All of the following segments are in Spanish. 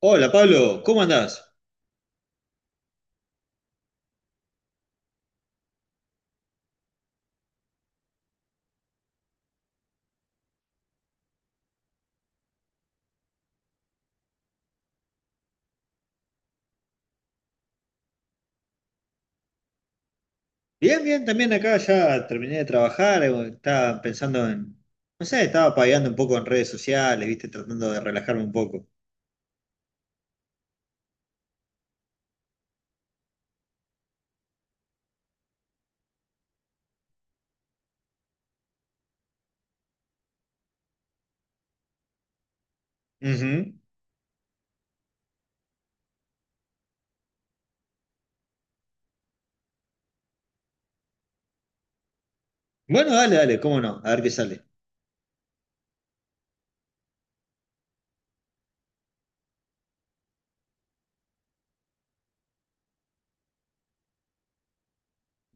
Hola Pablo, ¿cómo andás? Bien, bien, también acá ya terminé de trabajar, estaba pensando en, no sé, estaba pagando un poco en redes sociales, viste, tratando de relajarme un poco. Ujú. Bueno, dale, dale, cómo no, a ver qué sale.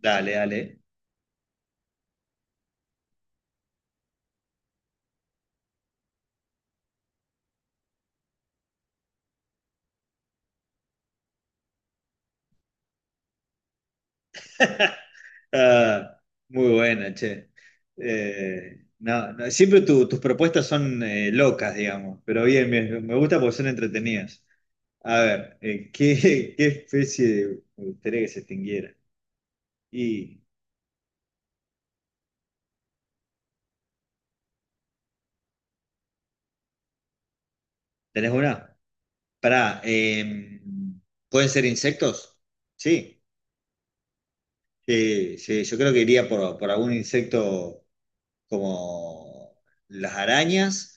Dale, dale. Ah, muy buena, che. No, no, siempre tus propuestas son locas, digamos, pero bien, bien, me gusta porque son entretenidas. A ver, ¿qué, qué especie me gustaría que se extinguiera? ¿Y tenés una? Pará, ¿pueden ser insectos? Sí, sí, sí, yo creo que iría por algún insecto como las arañas.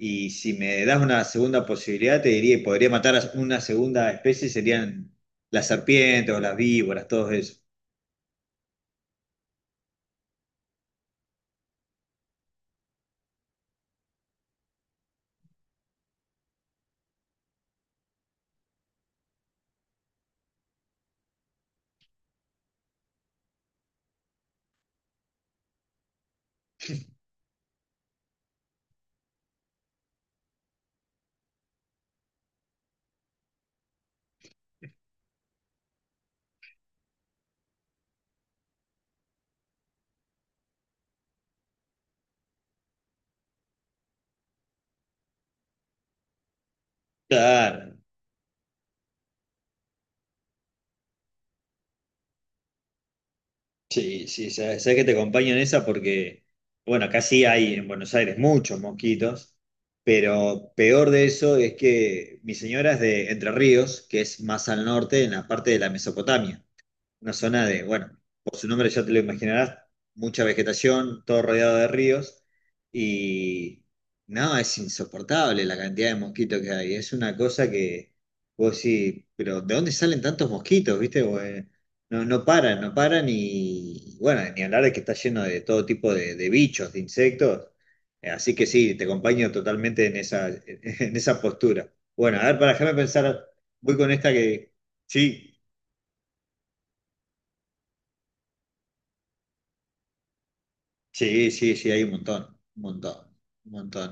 Y si me das una segunda posibilidad, te diría, podría matar a una segunda especie, serían las serpientes o las víboras, todo eso. Claro. Sí, sí, sabes, que te acompaño en esa porque, bueno, acá sí hay en Buenos Aires muchos mosquitos, pero peor de eso es que mi señora es de Entre Ríos, que es más al norte, en la parte de la Mesopotamia. Una zona de, bueno, por su nombre ya te lo imaginarás, mucha vegetación, todo rodeado de ríos y no, es insoportable la cantidad de mosquitos que hay. Es una cosa que vos sí, pero ¿de dónde salen tantos mosquitos? ¿Viste? Vos, no, no paran y bueno, ni hablar de que está lleno de todo tipo de bichos, de insectos. Así que sí, te acompaño totalmente en esa, en esa postura. Bueno, a ver, para dejarme pensar, voy con esta que sí. Sí, sí, sí, hay un montón, un montón, un montón.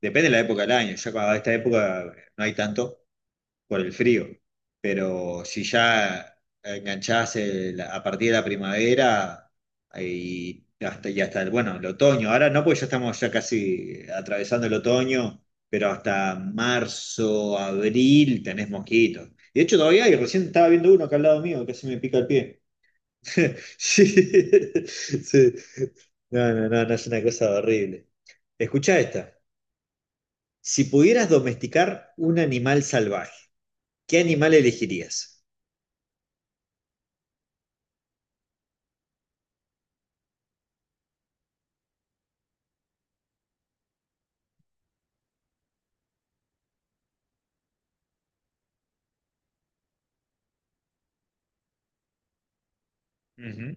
Depende de la época del año. Ya cuando esta época no hay tanto por el frío, pero si ya enganchás a partir de la primavera y hasta el, bueno, el otoño. Ahora no, porque ya estamos ya casi atravesando el otoño, pero hasta marzo, abril tenés mosquitos. Y de hecho, todavía hay, recién estaba viendo uno acá al lado mío, casi me pica el pie. Sí, sí. No, no, no, no es una cosa horrible. Escucha esta. Si pudieras domesticar un animal salvaje, ¿qué animal elegirías? Ujú.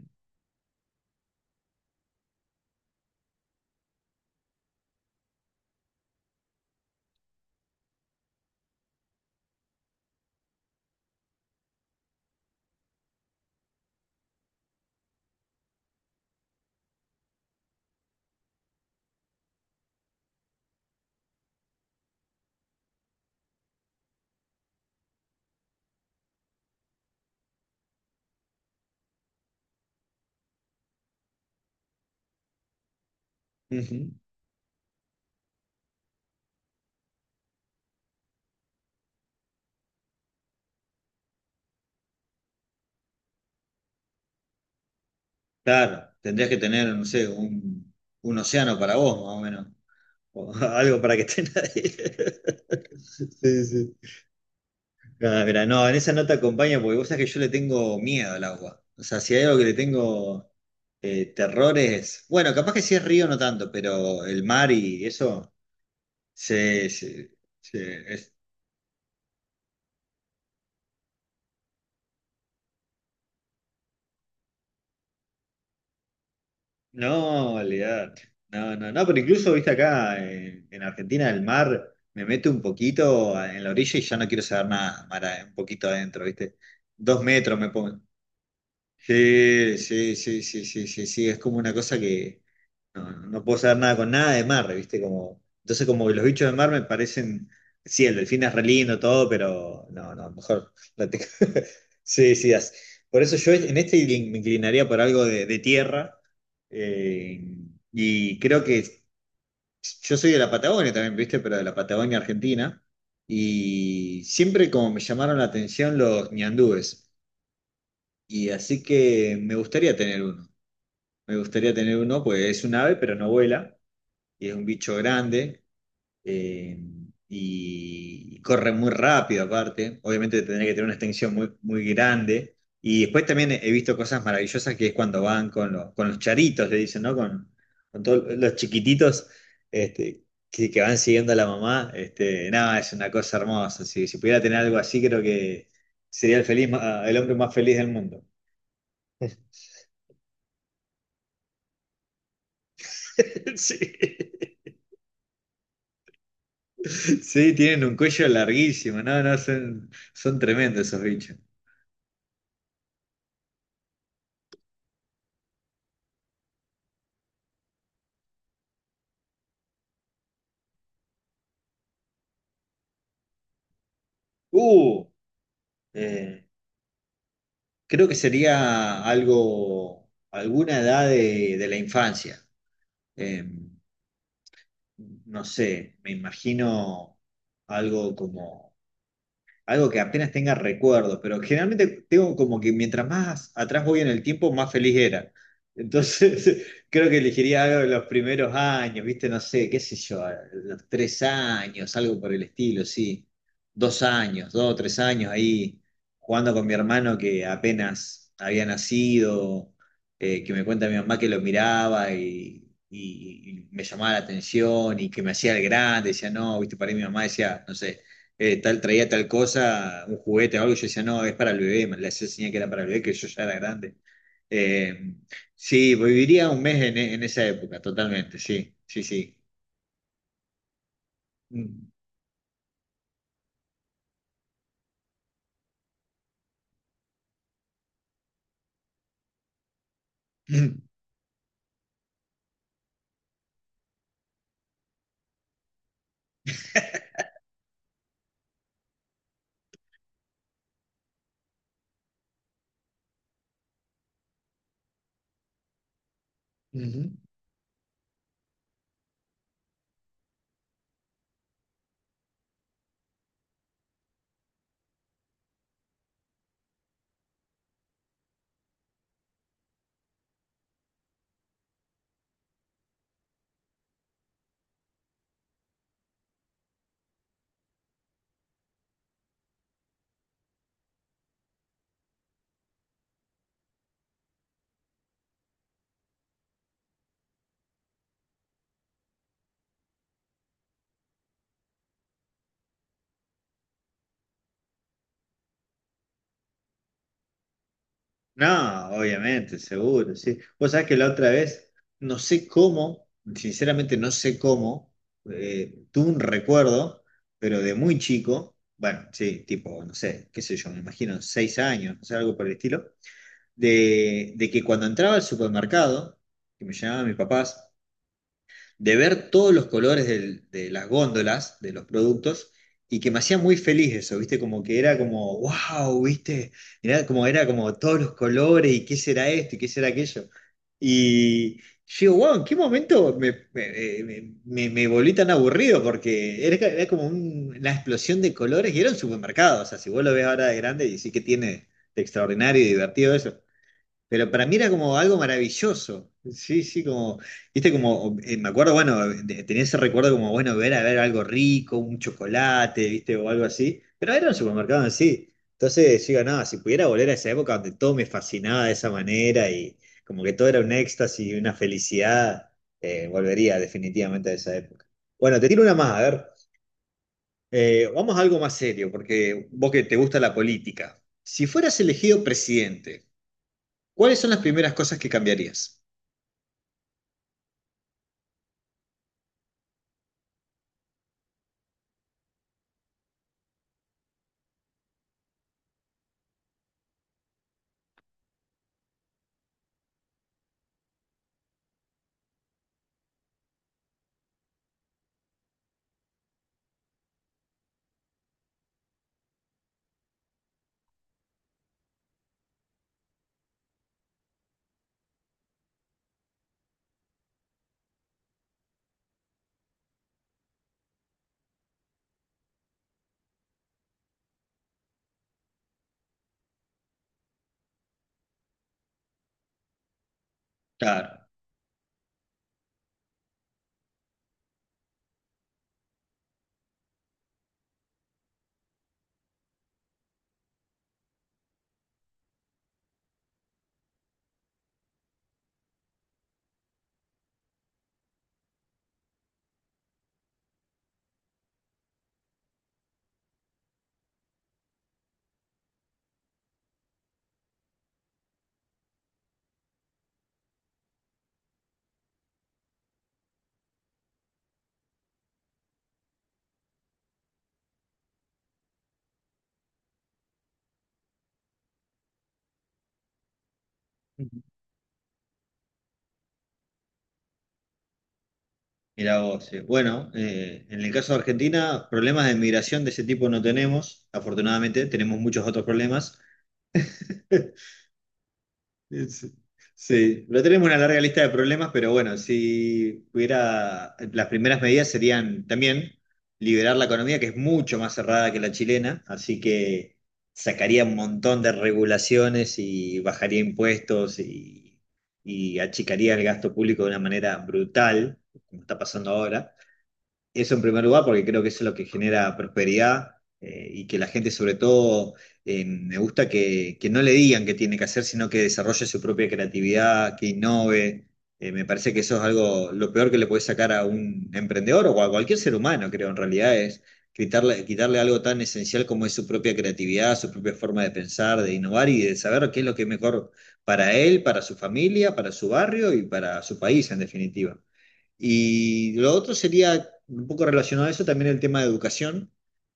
Ujú. Claro, tendrías que tener, no sé, un océano para vos, más o menos. O algo para que esté nadie. Sí, sí. Ah, mira, no, en esa nota acompaña porque vos sabés que yo le tengo miedo al agua. O sea, si hay algo que le tengo terror es. Bueno, capaz que si es río no tanto, pero el mar y eso. Se, se, se- es- no, olvidate. No, no, no, pero incluso, viste, acá en, Argentina el mar me mete un poquito en la orilla y ya no quiero saber nada, mar, un poquito adentro, viste. 2 metros me pongo. Sí, sí, sí, sí, sí, sí, sí, es como una cosa que. No, no puedo saber nada con nada de mar, ¿viste? Como, entonces como que los bichos de mar me parecen, sí, el delfín es re lindo todo, pero no, no, mejor la Sí, sí, por eso yo en este me inclinaría por algo de, tierra eh, y creo que yo soy de la Patagonia también, ¿viste? Pero de la Patagonia Argentina y siempre como me llamaron la atención los ñandúes y así que me gustaría tener uno. Me gustaría tener uno, pues es un ave, pero no vuela y es un bicho grande eh, y corre muy rápido aparte. Obviamente tendría que tener una extensión muy, muy grande. Y después también he visto cosas maravillosas que es cuando van con, con los charitos, le dicen, ¿no? Con todos los chiquititos este, que van siguiendo a la mamá. Este, nada, es una cosa hermosa. Si pudiera tener algo así, creo que sería el hombre más feliz del mundo. Sí. Sí, tienen un cuello larguísimo, no, no, son tremendos esos bichos. Uh, eh, creo que sería algo, alguna edad de la infancia. Eh, no sé, me imagino algo como algo que apenas tenga recuerdos, pero generalmente tengo como que mientras más atrás voy en el tiempo, más feliz era. Entonces, creo que elegiría algo de los primeros años, ¿viste? No sé, qué sé yo, los 3 años, algo por el estilo, sí. 2 años, 2 o 3 años ahí jugando con mi hermano que apenas había nacido, que me cuenta mi mamá que lo miraba y me llamaba la atención y que me hacía el grande, decía, no, ¿viste? Para mí mi mamá decía, no sé tal, traía tal cosa, un juguete o algo, y yo decía, no, es para el bebé, me la hacía señal que era para el bebé, que yo ya era grande. Eh, sí, viviría un mes en esa época, totalmente, sí, sí, sí. Mm. Ujú. No, obviamente, seguro, sí. Vos sabés que la otra vez, no sé cómo, sinceramente no sé cómo, tuve un recuerdo, pero de muy chico, bueno, sí, tipo, no sé, qué sé yo, me imagino 6 años, no sé, algo por el estilo, de, que cuando entraba al supermercado, que me llamaban mis papás, de ver todos los colores de las góndolas, de los productos, y que me hacía muy feliz eso, ¿viste? Como que era como, wow, ¿viste? Era como todos los colores, y qué será esto, y qué será aquello. Y yo digo, wow, ¿en qué momento me volví tan aburrido? Porque era como una explosión de colores y era un supermercado. O sea, si vos lo ves ahora de grande, y sí que tiene de extraordinario y divertido eso. Pero para mí era como algo maravilloso. Sí, sí, como, viste, como, me acuerdo, bueno, tenía ese recuerdo como, bueno, ver a ver algo rico, un chocolate, viste, o algo así. Pero era un supermercado en sí. Entonces, yo digo, no, si pudiera volver a esa época donde todo me fascinaba de esa manera y como que todo era un éxtasis y una felicidad, volvería definitivamente a esa época. Bueno, te tiro una más, a ver. Vamos a algo más serio, porque vos que te gusta la política. Si fueras elegido presidente, ¿cuáles son las primeras cosas que cambiarías? Claro. Ujú. Mira vos. Bueno, en el caso de Argentina, problemas de migración de ese tipo no tenemos. Afortunadamente, tenemos muchos otros problemas. Es- Sí, pero tenemos una larga lista de problemas, pero bueno, si hubiera, las primeras medidas serían también liberar la economía, que es mucho más cerrada que la chilena, así que sacaría un montón de regulaciones y bajaría impuestos y achicaría el gasto público de una manera brutal, como está pasando ahora. Eso en primer lugar, porque creo que eso es lo que genera prosperidad y que la gente sobre todo me gusta que, no le digan qué tiene que hacer, sino que desarrolle su propia creatividad, que innove. Me parece que eso es algo, lo peor que le puede sacar a un emprendedor o a cualquier ser humano, creo, en realidad es quitarle, quitarle algo tan esencial como es su propia creatividad, su propia forma de pensar, de innovar y de saber qué es lo que es mejor para él, para su familia, para su barrio y para su país, en definitiva. Y lo otro sería un poco relacionado a eso también el tema de educación.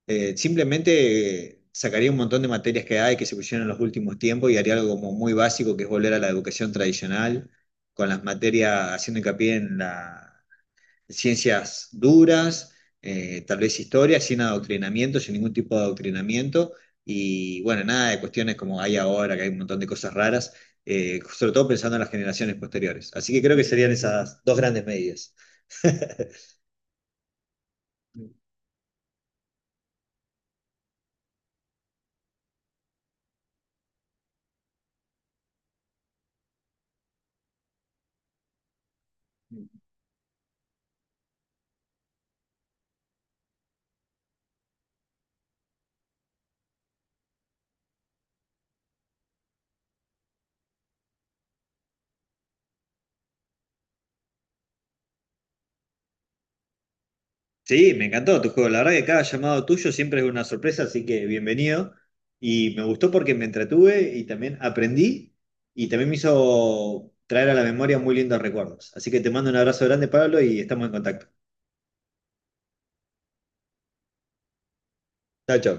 Simplemente sacaría un montón de materias que hay que se pusieron en los últimos tiempos y haría algo como muy básico que es volver a la educación tradicional, con las materias haciendo hincapié en las ciencias duras, tal vez historia, sin adoctrinamiento, sin ningún tipo de adoctrinamiento. Y bueno, nada de cuestiones como hay ahora, que hay un montón de cosas raras, sobre todo pensando en las generaciones posteriores. Así que creo que serían esas dos grandes medidas. Sí, me encantó tu juego. La verdad que cada llamado tuyo siempre es una sorpresa, así que bienvenido. Y me gustó porque me entretuve y también aprendí y también me hizo traer a la memoria muy lindos recuerdos. Así que te mando un abrazo grande, Pablo, y estamos en contacto. Chao, chao.